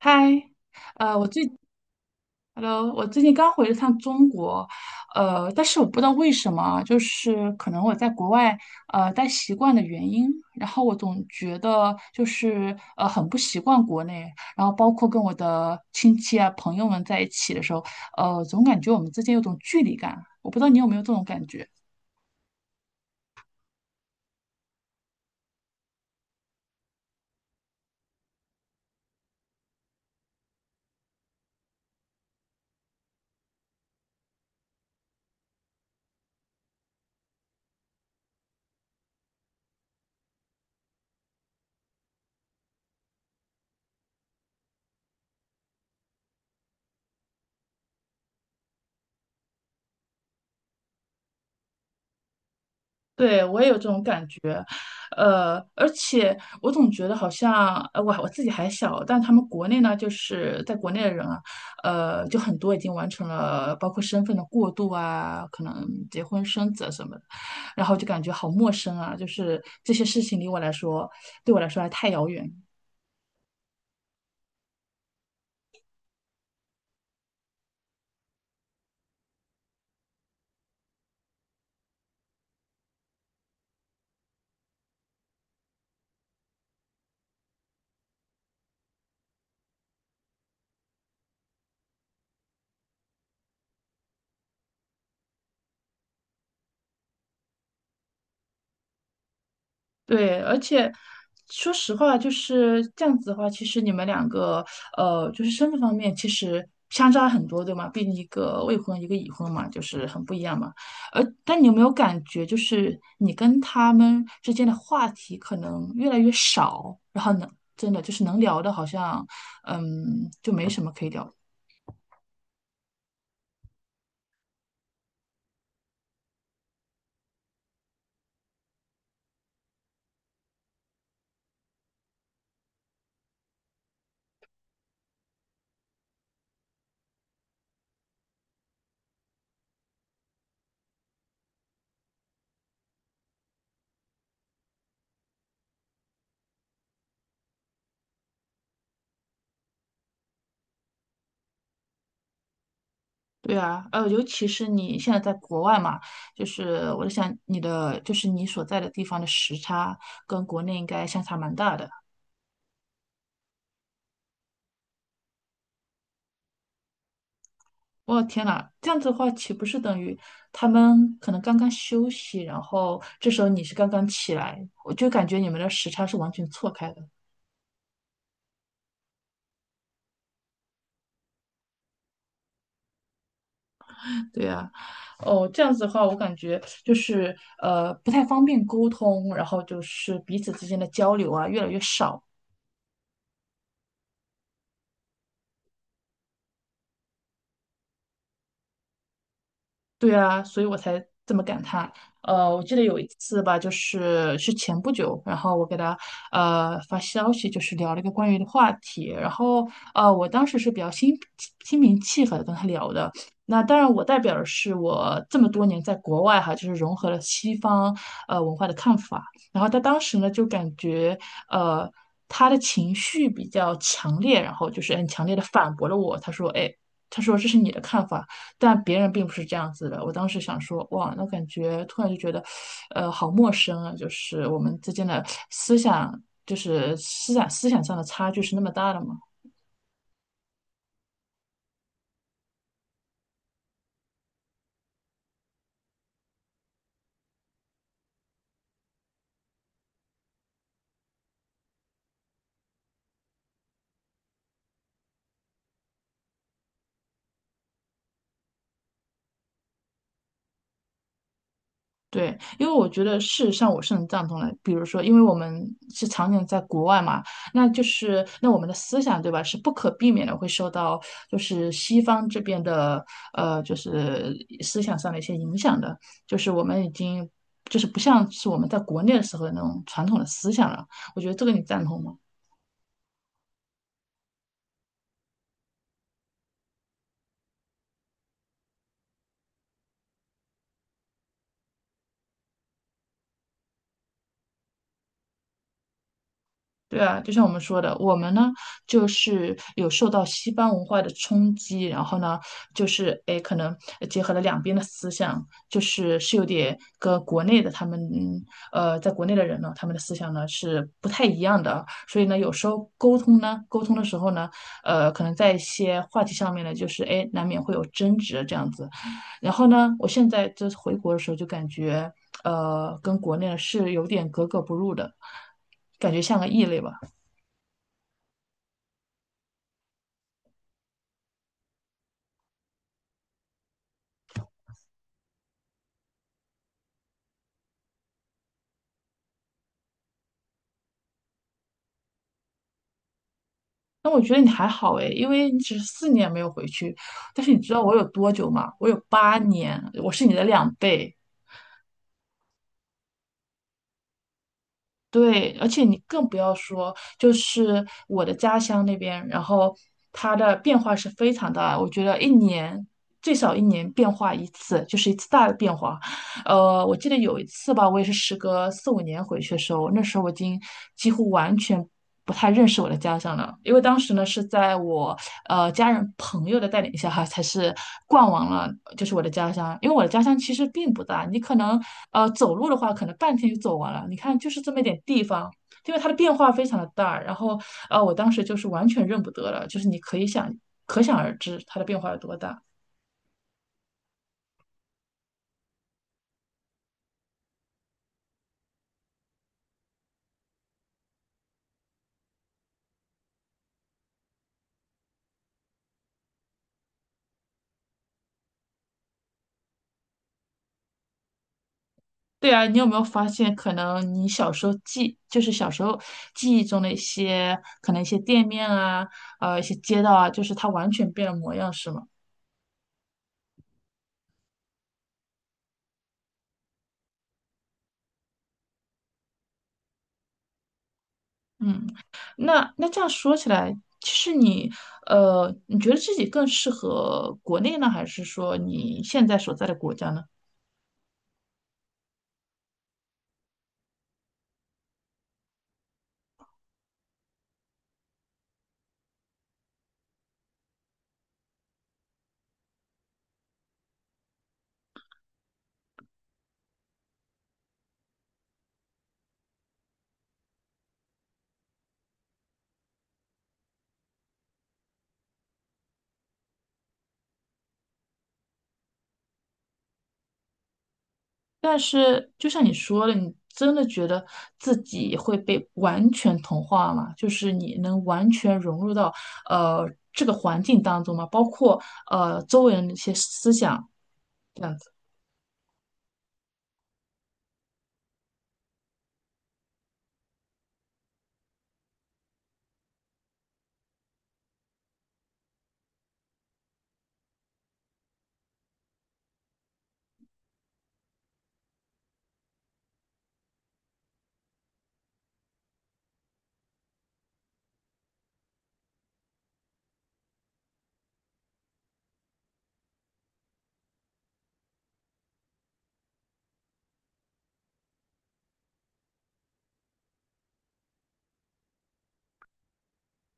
嗨，呃，我最，Hello，我最近刚回了趟中国。但是我不知道为什么啊，就是可能我在国外待习惯的原因，然后我总觉得就是很不习惯国内，然后包括跟我的亲戚啊朋友们在一起的时候，总感觉我们之间有种距离感，我不知道你有没有这种感觉。对，我也有这种感觉。而且我总觉得好像，我自己还小，但他们国内呢，就是在国内的人啊，就很多已经完成了包括身份的过渡啊，可能结婚生子啊什么的，然后就感觉好陌生啊，就是这些事情离我来说，对我来说还太遥远。对，而且说实话，就是这样子的话，其实你们两个，就是身份方面，其实相差很多，对吗？毕竟一个未婚，一个已婚嘛，就是很不一样嘛。而但你有没有感觉，就是你跟他们之间的话题可能越来越少，然后呢，真的就是能聊的，好像，就没什么可以聊。对啊，尤其是你现在在国外嘛，就是我在想你的，就是你所在的地方的时差跟国内应该相差蛮大的。我天呐，这样子的话，岂不是等于他们可能刚刚休息，然后这时候你是刚刚起来，我就感觉你们的时差是完全错开的。对呀，哦，这样子的话，我感觉就是不太方便沟通，然后就是彼此之间的交流啊越来越少。对啊，所以我才这么感叹。我记得有一次吧，就是前不久，然后我给他发消息，就是聊了一个关于的话题，然后我当时是比较心平气和的跟他聊的。那当然，我代表的是我这么多年在国外哈，就是融合了西方文化的看法。然后他当时呢，就感觉呃他的情绪比较强烈，然后就是很强烈的反驳了我。他说："哎，他说这是你的看法。"但别人并不是这样子的。我当时想说，哇，那感觉突然就觉得，好陌生啊！就是我们之间的思想，就是思想上的差距是那么大的吗？对，因为我觉得事实上我是很赞同的。比如说，因为我们是常年在国外嘛，那就是那我们的思想对吧，是不可避免的会受到就是西方这边的就是思想上的一些影响的。就是我们已经就是不像是我们在国内的时候的那种传统的思想了。我觉得这个你赞同吗？对啊，就像我们说的，我们呢就是有受到西方文化的冲击，然后呢就是诶，可能结合了两边的思想，就是有点跟国内的他们在国内的人呢，他们的思想呢是不太一样的，所以呢有时候沟通呢，沟通的时候呢，可能在一些话题上面呢，就是诶，难免会有争执这样子。然后呢，我现在就是回国的时候就感觉跟国内是有点格格不入的，感觉像个异类吧。那我觉得你还好诶，因为你只是4年没有回去，但是你知道我有多久吗？我有8年，我是你的2倍。对，而且你更不要说，就是我的家乡那边，然后它的变化是非常大的。我觉得一年最少一年变化一次，就是一次大的变化。我记得有一次吧，我也是时隔四五年回去的时候，那时候我已经几乎完全不太认识我的家乡了，因为当时呢是在我家人朋友的带领下哈，才是逛完了就是我的家乡，因为我的家乡其实并不大，你可能走路的话可能半天就走完了，你看就是这么一点地方，因为它的变化非常的大，然后我当时就是完全认不得了，就是你可以可想而知它的变化有多大。对啊，你有没有发现，可能你小时候记，就是小时候记忆中的一些，可能一些店面啊，一些街道啊，就是它完全变了模样，是吗？嗯，那这样说起来，其实你，你觉得自己更适合国内呢，还是说你现在所在的国家呢？但是就像你说的，你真的觉得自己会被完全同化吗？就是你能完全融入到呃这个环境当中吗？包括周围人的一些思想这样子。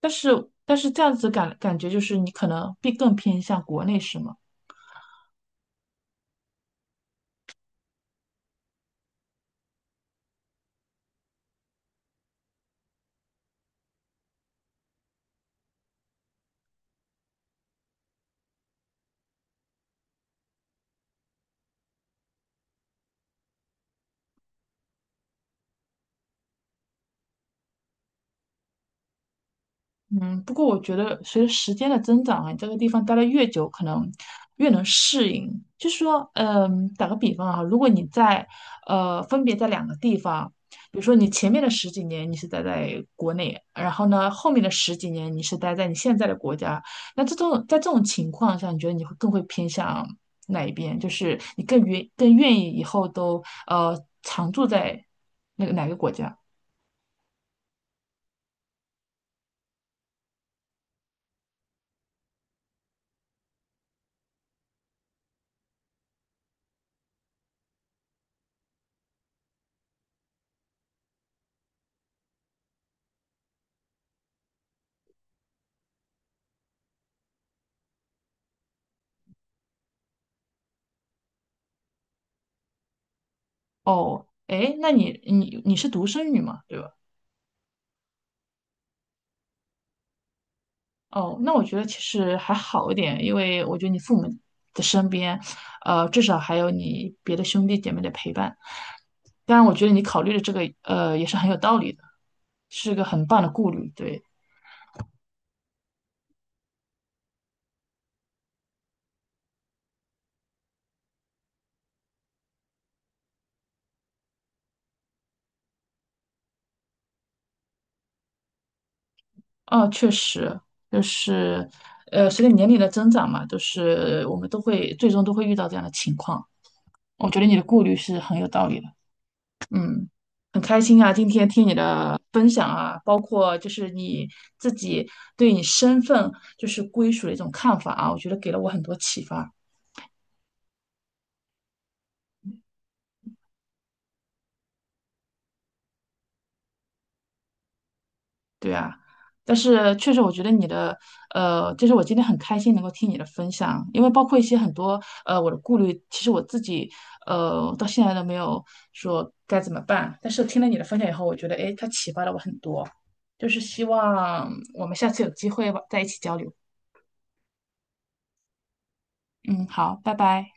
但是这样子感觉就是你可能并更偏向国内是吗？嗯，不过我觉得随着时间的增长啊，你在这个地方待得越久，可能越能适应。就是说，打个比方啊，如果你在分别在两个地方，比如说你前面的十几年你是待在国内，然后呢后面的十几年你是待在你现在的国家，那在这种情况下，你觉得你会更会偏向哪一边？就是你更愿意以后都常住在哪个国家？哦，诶，那你是独生女嘛，对吧？哦，那我觉得其实还好一点，因为我觉得你父母的身边，至少还有你别的兄弟姐妹的陪伴。当然，我觉得你考虑的这个，也是很有道理的，是个很棒的顾虑。对，哦，确实，就是，随着年龄的增长嘛，就是我们都会最终都会遇到这样的情况。我觉得你的顾虑是很有道理的。嗯，很开心啊，今天听你的分享啊，包括就是你自己对你身份就是归属的一种看法啊，我觉得给了我很多启发。对啊，但是确实我觉得你的就是我今天很开心能够听你的分享，因为包括一些很多我的顾虑，其实我自己到现在都没有说该怎么办，但是听了你的分享以后，我觉得诶，它启发了我很多，就是希望我们下次有机会吧，再一起交流。嗯，好，拜拜。